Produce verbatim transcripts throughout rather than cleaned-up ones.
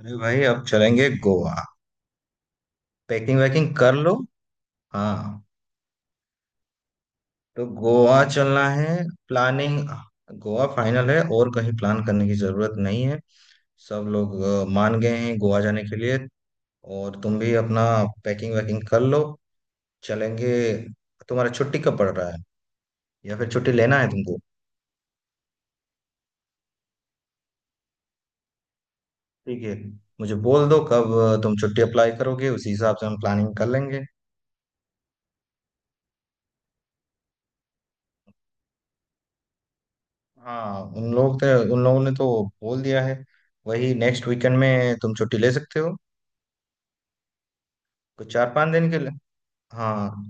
अरे भाई, अब चलेंगे गोवा। पैकिंग वैकिंग कर लो। हाँ, तो गोवा चलना है। प्लानिंग। गोवा फाइनल है और कहीं प्लान करने की जरूरत नहीं है। सब लोग अ, मान गए हैं गोवा जाने के लिए। और तुम भी अपना पैकिंग वैकिंग कर लो। चलेंगे। तुम्हारा छुट्टी कब पड़ रहा है, या फिर छुट्टी लेना है तुमको? ठीक है, मुझे बोल दो कब अ, तुम छुट्टी अप्लाई करोगे, उसी हिसाब से हम प्लानिंग कर लेंगे। हाँ, उन लोग तो उन लोगों ने तो बोल दिया है। वही नेक्स्ट वीकेंड में तुम छुट्टी ले सकते हो। कुछ चार पांच दिन के लिए। हाँ,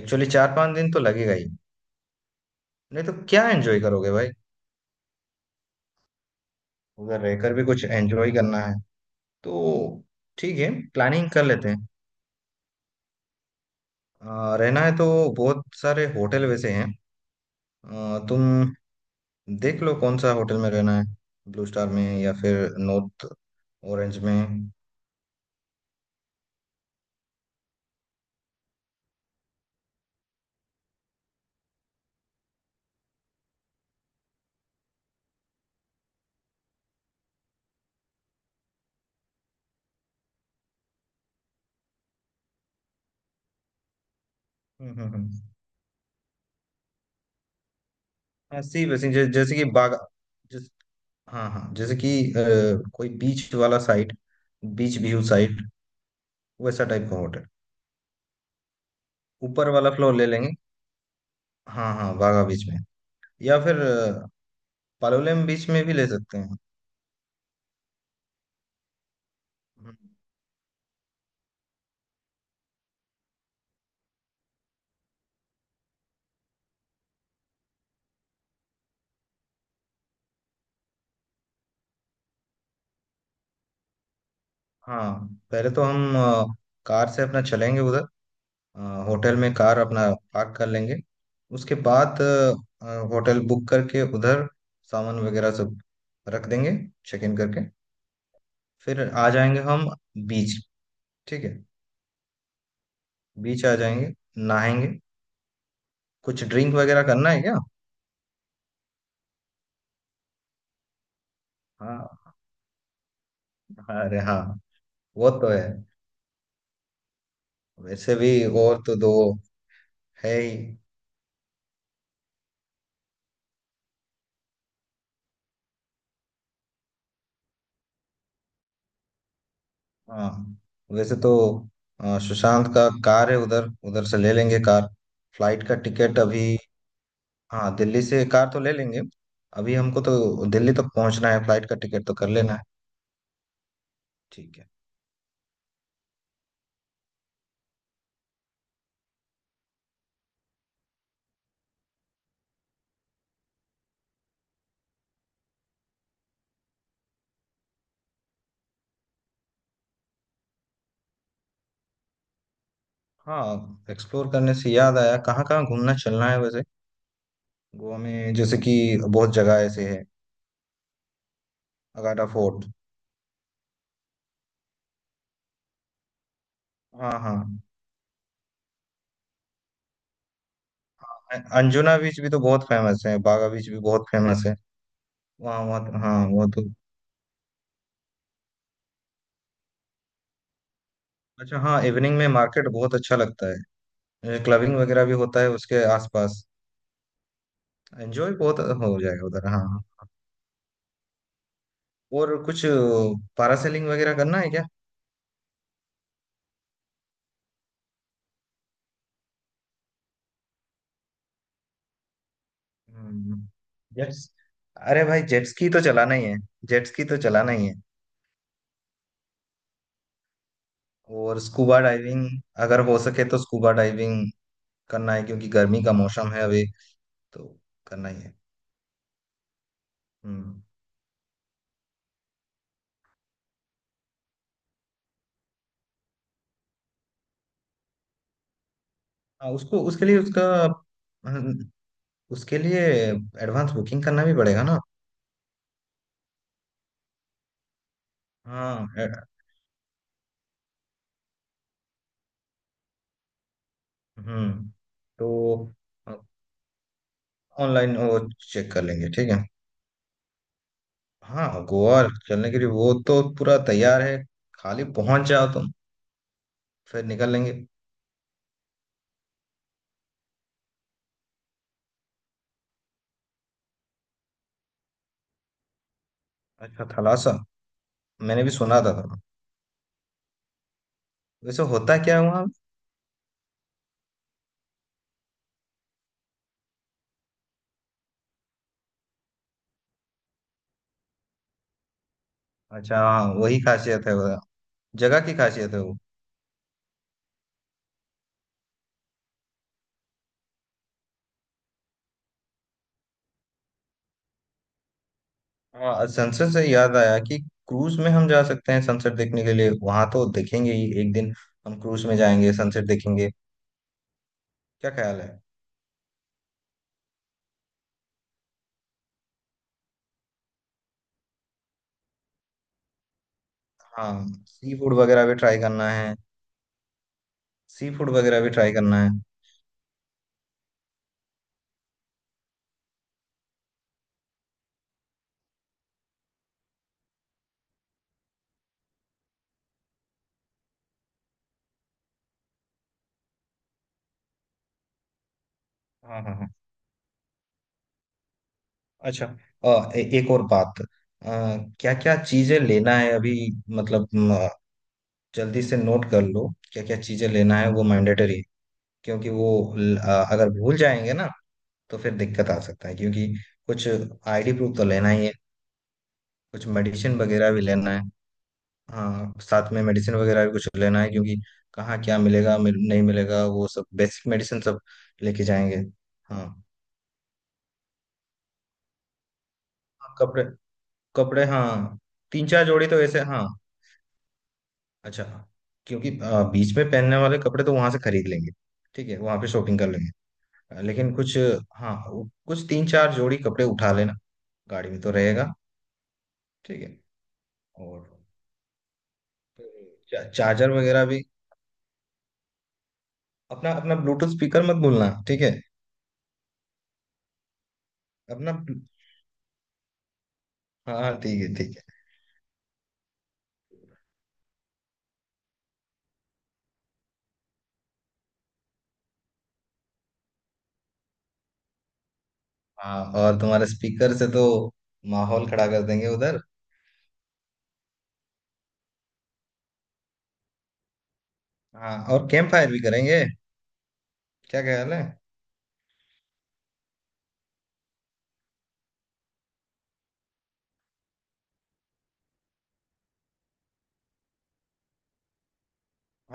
एक्चुअली चार पांच दिन तो लगेगा ही। नहीं तो क्या एंजॉय करोगे भाई? उधर रहकर भी कुछ एंजॉय करना है तो। ठीक है, प्लानिंग कर लेते हैं। आ, रहना है तो बहुत सारे होटल वैसे हैं। आ, तुम देख लो कौन सा होटल में रहना है। ब्लू स्टार में या फिर नॉर्थ ऑरेंज में। हम्म हम्म हम्म। हाँ, सी वैसे जै, जैसे कि बागा। हाँ हाँ, जैसे कि अ, कोई बीच वाला साइड, बीच व्यू साइड, वैसा टाइप का होटल। ऊपर वाला फ्लोर ले लेंगे। हाँ हाँ, बागा बीच में या फिर अ, पालोलेम बीच में भी ले सकते हैं। हम्म। हाँ, पहले तो हम अ, कार से अपना चलेंगे उधर। अ, होटल में कार अपना पार्क कर लेंगे। उसके बाद अ, अ, होटल बुक करके उधर सामान वगैरह सब रख देंगे। चेक इन करके फिर आ जाएंगे हम बीच। ठीक है। बीच आ जाएंगे, नहाएंगे। कुछ ड्रिंक वगैरह करना है क्या? हाँ, अरे हाँ, वो तो है वैसे भी। और तो दो है ही। हाँ, वैसे तो अ, सुशांत का कार है उधर, उधर से ले लेंगे कार। फ्लाइट का टिकट अभी। हाँ, दिल्ली से कार तो ले लेंगे। अभी हमको तो दिल्ली तक पहुंचना है, फ्लाइट का टिकट तो कर लेना है। ठीक है। हाँ, एक्सप्लोर करने से याद आया, कहाँ कहाँ घूमना चलना है वैसे गोवा में? जैसे कि बहुत जगह ऐसे है। अगाटा फोर्ट। हाँ हाँ। अंजुना बीच भी तो बहुत फेमस है, बागा बीच भी बहुत फेमस है। वहाँ वहाँ, हाँ वो तो। अच्छा हाँ, इवनिंग में मार्केट बहुत अच्छा लगता है। क्लबिंग वगैरह भी होता है उसके आसपास। एंजॉय बहुत हो जाएगा उधर। हाँ हाँ। और कुछ पैरासेलिंग वगैरह करना है क्या? हम्म। जेट्स अरे भाई, जेट स्की तो चलाना ही है। जेट स्की तो चलाना ही है। और स्कूबा डाइविंग, अगर हो सके तो स्कूबा डाइविंग करना है, क्योंकि गर्मी का मौसम है अभी। तो करना ही है। हम्म। हाँ उसको उसके लिए उसका हम्म। उसके लिए एडवांस बुकिंग करना भी पड़ेगा ना। हाँ ए- हम्म। तो ऑनलाइन वो चेक कर लेंगे, ठीक है। हाँ, गोवा चलने के लिए वो तो पूरा तैयार है। खाली पहुंच जाओ तुम, फिर निकल लेंगे। अच्छा, थलासा मैंने भी सुना था थोड़ा। वैसे होता क्या है वहाँ? अच्छा हाँ, वही खासियत है वो, जगह की खासियत है वो। हाँ, सनसेट से याद आया कि क्रूज में हम जा सकते हैं सनसेट देखने के लिए, वहां तो देखेंगे ही एक दिन। हम क्रूज में जाएंगे, सनसेट देखेंगे। क्या ख्याल है? हाँ, सी फूड वगैरह भी ट्राई करना है। सी फूड वगैरह भी ट्राई करना है। हाँ हाँ हाँ। अच्छा, अ, ए, एक और बात। क्या क्या चीजें लेना है अभी? मतलब म, जल्दी से नोट कर लो, क्या क्या चीजें लेना है वो मैंडेटरी है। क्योंकि वो ल- अ, अगर भूल जाएंगे ना, तो फिर दिक्कत आ सकता है। क्योंकि कुछ आईडी प्रूफ तो लेना ही है। कुछ मेडिसिन वगैरह भी लेना है। हाँ, साथ में मेडिसिन वगैरह भी कुछ लेना है, क्योंकि कहाँ क्या मिलेगा मिल, नहीं मिलेगा, वो सब बेसिक मेडिसिन सब लेके जाएंगे। हाँ। हाँ, कपड़े, कपड़े, हाँ। तीन चार जोड़ी तो ऐसे हाँ। अच्छा। क्योंकि आ, बीच में पहनने वाले कपड़े तो वहां से खरीद लेंगे। ठीक है, वहां पे शॉपिंग कर लेंगे। आ, लेकिन कुछ, हाँ, वो- कुछ तीन चार जोड़ी कपड़े उठा लेना, गाड़ी में तो रहेगा। ठीक है। और चा, चार्जर वगैरह भी, अपना अपना ब्लूटूथ स्पीकर मत भूलना, ठीक है। अपना, हाँ ठीक है ठीक है। हाँ, और तुम्हारे स्पीकर से तो माहौल खड़ा कर देंगे उधर। हाँ, और कैंप फायर भी करेंगे। क्या ख्याल है?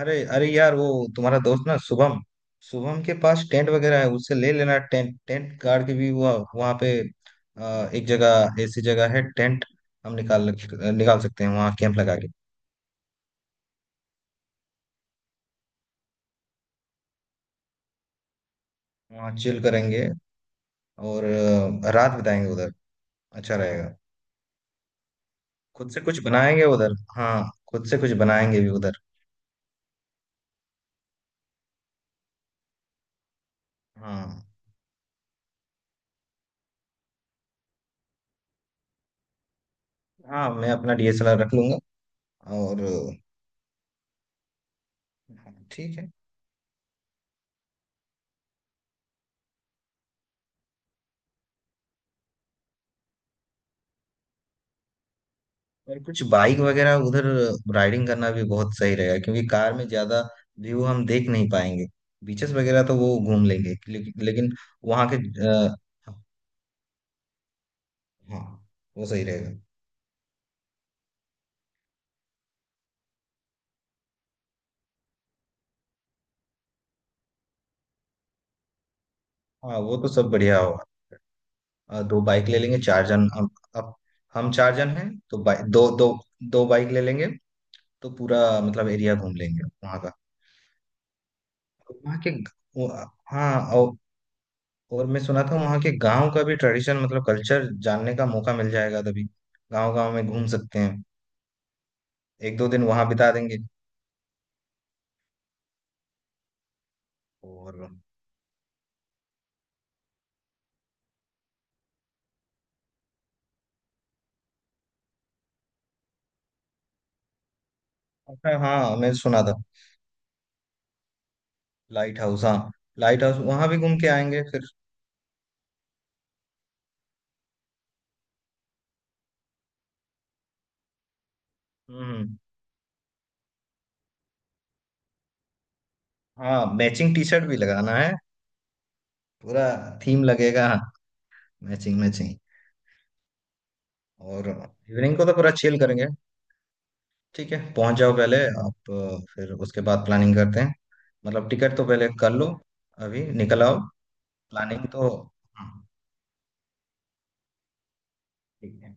अरे अरे यार, वो तुम्हारा दोस्त ना शुभम, शुभम के पास टेंट वगैरह है, उससे ले लेना। टेंट टेंट गाड़ के भी हुआ वहाँ पे। आ, एक जगह, ऐसी जगह है टेंट हम निकाल निकाल सकते हैं, वहाँ कैंप लगा के। वहाँ चिल करेंगे और अ, रात बिताएंगे उधर। अच्छा रहेगा। खुद से कुछ बनाएंगे उधर, हाँ खुद से कुछ बनाएंगे भी उधर। हाँ। हाँ, मैं अपना डी एस एल आर रख लूंगा। और हाँ, ठीक है। और कुछ बाइक वगैरह उधर राइडिंग करना भी बहुत सही रहेगा, क्योंकि कार में ज्यादा व्यू हम देख नहीं पाएंगे। बीचेस वगैरह तो वो घूम लेंगे ले, लेकिन वहाँ के अ, हाँ, वो सही रहेगा। हाँ, वो तो सब बढ़िया होगा। अ, दो बाइक ले लेंगे, चार जन हम। अब हम चार जन हैं तो बाइक दो दो, दो बाइक ले लेंगे, तो पूरा मतलब एरिया घूम लेंगे वहाँ का। वहाँ के वो- हाँ, और मैं सुना था वहाँ के गांव का भी ट्रेडिशन, मतलब कल्चर जानने का मौका मिल जाएगा तभी। गांव गांव में घूम सकते हैं, एक दो दिन वहां बिता देंगे। और अच्छा हाँ, मैं सुना था, लाइट हाउस, हाँ लाइट हाउस वहां भी घूम के आएंगे फिर। हम्म हम्म। हाँ, मैचिंग टी शर्ट भी लगाना है, पूरा थीम लगेगा, मैचिंग मैचिंग। और इवनिंग को तो पूरा चिल करेंगे। ठीक है, पहुंच जाओ पहले आप, अ, फिर उसके बाद प्लानिंग करते हैं। मतलब टिकट तो पहले कर लो, अभी निकल आओ। प्लानिंग तो, हाँ ठीक है।